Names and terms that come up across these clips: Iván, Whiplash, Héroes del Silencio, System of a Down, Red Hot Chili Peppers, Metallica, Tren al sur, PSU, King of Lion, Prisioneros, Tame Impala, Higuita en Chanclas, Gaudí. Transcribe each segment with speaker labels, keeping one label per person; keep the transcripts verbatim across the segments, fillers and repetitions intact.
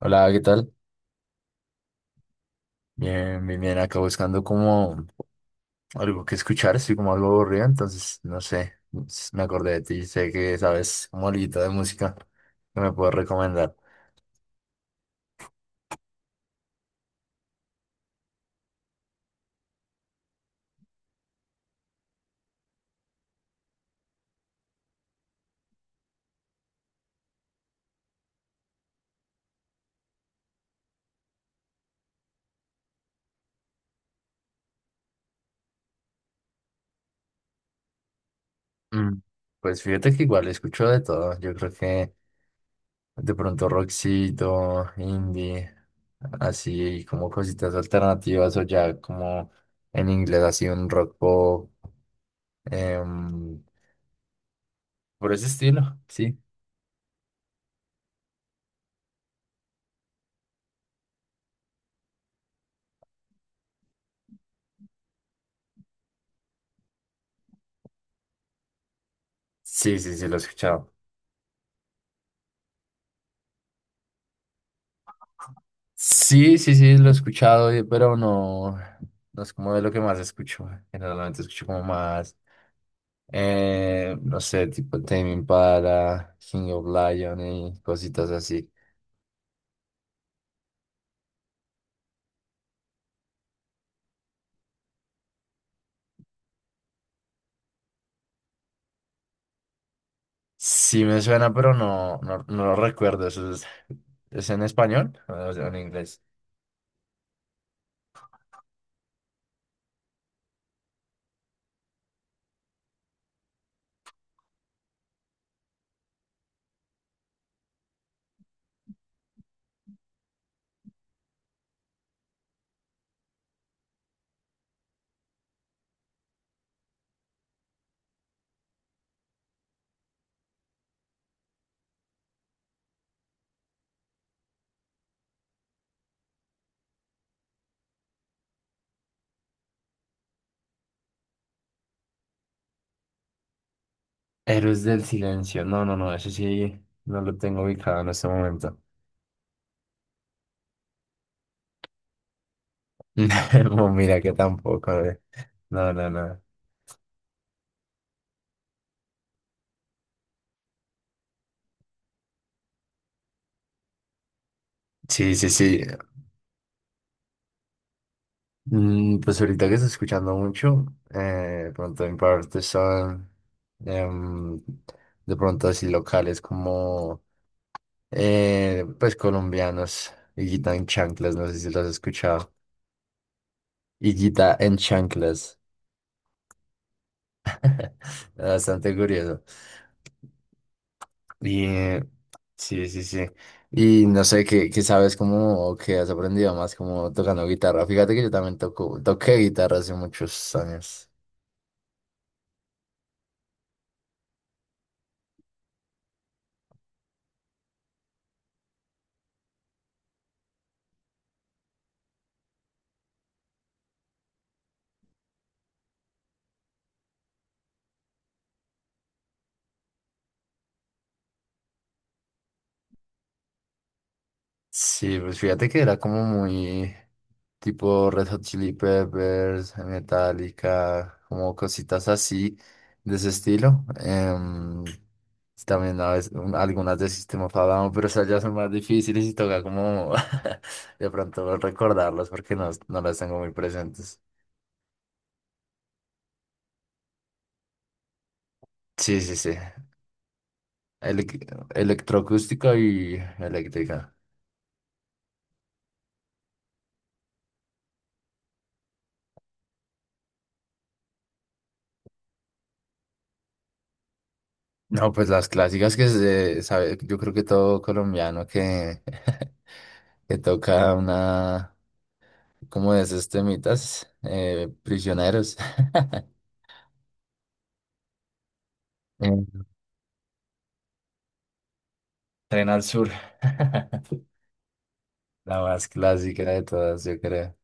Speaker 1: Hola, ¿qué tal? Bien, bien, bien. Acá buscando como algo que escuchar, estoy como algo aburrido, entonces no sé, s- me acordé de ti, sé que sabes como algo de música que me puedes recomendar. Mm, pues fíjate que igual escucho de todo, yo creo que de pronto rockcito, indie, así como cositas alternativas o ya como en inglés así un rock pop, em, por ese estilo, sí. Sí, sí, sí, lo he escuchado. Sí, sí, sí, lo he escuchado, eh, pero no, no es como de lo que más escucho. Generalmente escucho como más, eh, no sé, tipo Tame Impala, King of Lion y cositas así. Sí me suena, pero no, no, no lo recuerdo. ¿Eso es, es en español o es en inglés? Héroes del Silencio. No, no, no, eso sí no lo tengo ubicado en este momento. No, mira que tampoco. eh. No, no, no. Sí, sí, sí. Mm, pues ahorita que estoy escuchando mucho, eh, de pronto en parte son em, de pronto así locales como eh, pues colombianos, Higuita en Chanclas, no sé si los has escuchado, Higuita en Chanclas, bastante curioso. Y eh, sí, sí, sí. Y no sé qué, qué sabes cómo o qué has aprendido más como tocando guitarra. Fíjate que yo también toco, toqué guitarra hace muchos años. Sí, pues fíjate que era como muy tipo Red Hot Chili Peppers, Metallica, como cositas así de ese estilo. Em, también a veces, un- algunas de System of a Down, pero esas ya son más difíciles y toca como de pronto recordarlas porque no, no las tengo muy presentes. Sí, sí, sí. Elec- electroacústica y eléctrica. No, pues las clásicas que se sabe, yo creo que todo colombiano que, que toca una, como es este mitas? Eh, prisioneros. Eh, Tren al sur. La más clásica de todas, yo creo.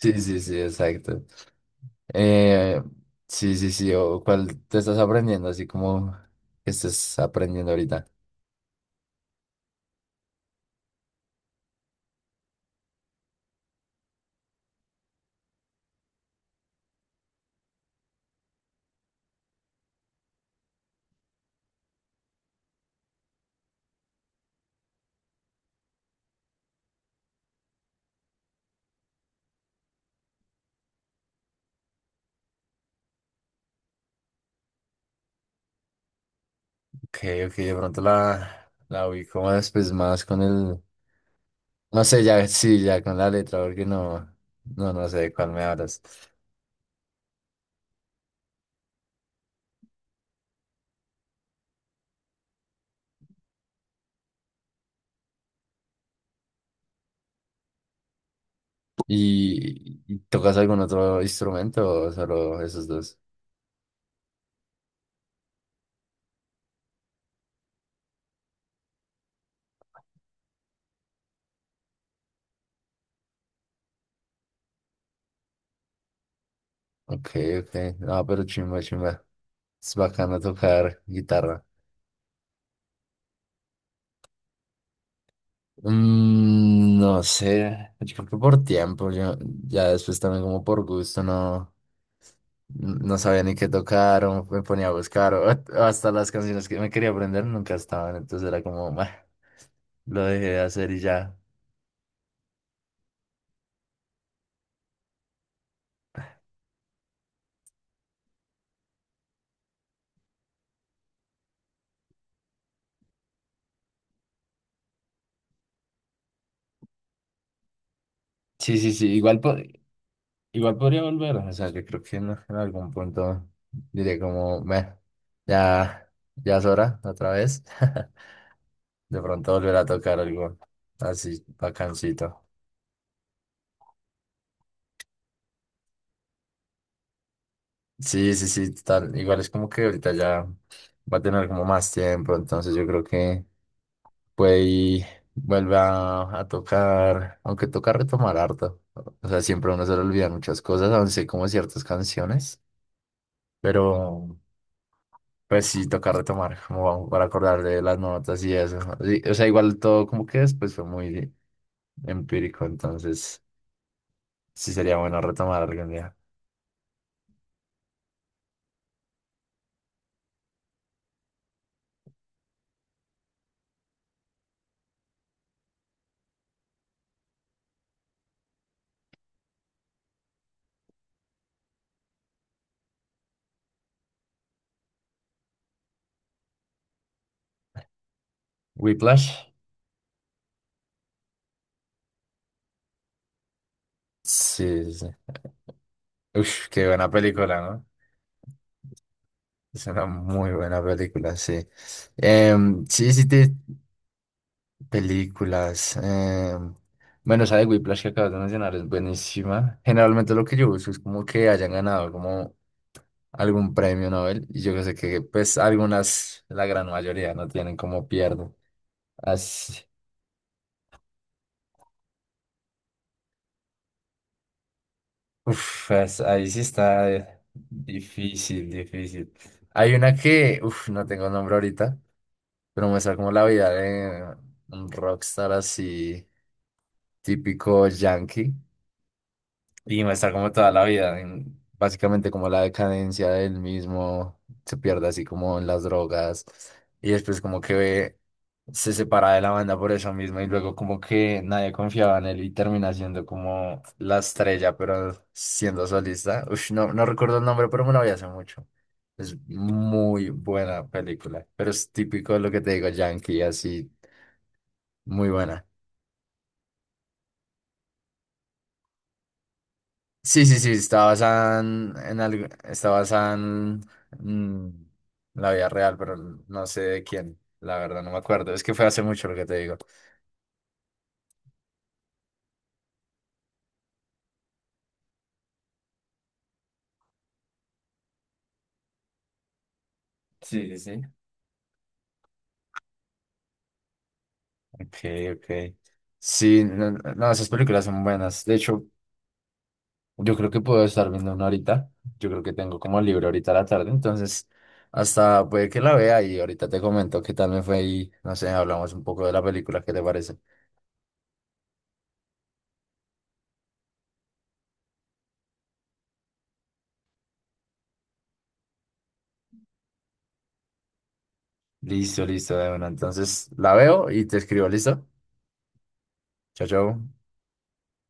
Speaker 1: Sí, sí, sí, exacto. Eh, sí, sí, sí. O, ¿cuál te estás aprendiendo? Así como que estés aprendiendo ahorita. Ok, ok, de pronto la, la ubico más, después más con el. No sé, ya, sí, ya con la letra, porque no, no, no sé de cuál me hablas. ¿Y, y tocas algún otro instrumento o solo esos dos? Ok, ok. No, pero chimba, chimba. Es bacano tocar guitarra. Mm, no sé, yo creo que por tiempo, yo ya después también como por gusto, no, no sabía ni qué tocar o me ponía a buscar o o hasta las canciones que me quería aprender nunca estaban, entonces era como, "Bah", lo dejé de hacer y ya. Sí, sí, sí, igual po- igual podría volver, o sea, que creo que en, en algún punto diría como, "Meh, ya, ya es hora, otra vez." De pronto volver a tocar algo así bacancito. Sí, sí, sí, total. Igual es como que ahorita ya va a tener como más tiempo, entonces yo creo que puede y vuelve a, a tocar, aunque toca retomar harto. O sea, siempre a uno se le olvidan muchas cosas, aún sé como ciertas canciones, pero. Pues sí, tocar retomar, como vamos, para acordar de las notas y eso. Sí, o sea, igual todo como que después fue muy empírico, entonces sí sería bueno retomar algún día. Whiplash. Sí, sí, sí. Uf, qué buena película, ¿no? Es una muy buena película, sí. Em, sí, sí, te- películas. Em, bueno, esa de Whiplash que acabas de mencionar es buenísima. Generalmente lo que yo busco es como que hayan ganado algún premio Nobel y yo sé que pues algunas, la gran mayoría no tienen como pierdo. Así, uf, es- ahí sí está eh, difícil, difícil. Hay una que, uf, no tengo el nombre ahorita, pero muestra como la vida de un rockstar así típico yankee. Y va a estar como toda la vida, en- básicamente como la decadencia del mismo, se pierde así como en las drogas y después como que ve, se separa de la banda por eso mismo y luego como que nadie confiaba en él y termina siendo como la estrella, pero siendo solista. Ush, no, no recuerdo el nombre, pero me lo vi hace mucho. Es muy buena película, pero es típico de lo que te digo, Yankee, así, muy buena. Sí, sí, sí, está basada en, en algo, está basada en mm, la vida real, pero no sé de quién, la verdad, no me acuerdo. Es que fue hace mucho lo que te digo. Sí, sí, sí. Ok, ok. Sí, no, no, esas películas son buenas. De hecho, yo creo que puedo estar viendo una ahorita. Yo creo que tengo como libre ahorita a la tarde, entonces hasta puede que la vea y ahorita te comento qué tal me fue y no sé, hablamos un poco de la película, ¿qué te parece? Listo, listo, de una. Entonces la veo y te escribo, ¿listo? Chao, chao.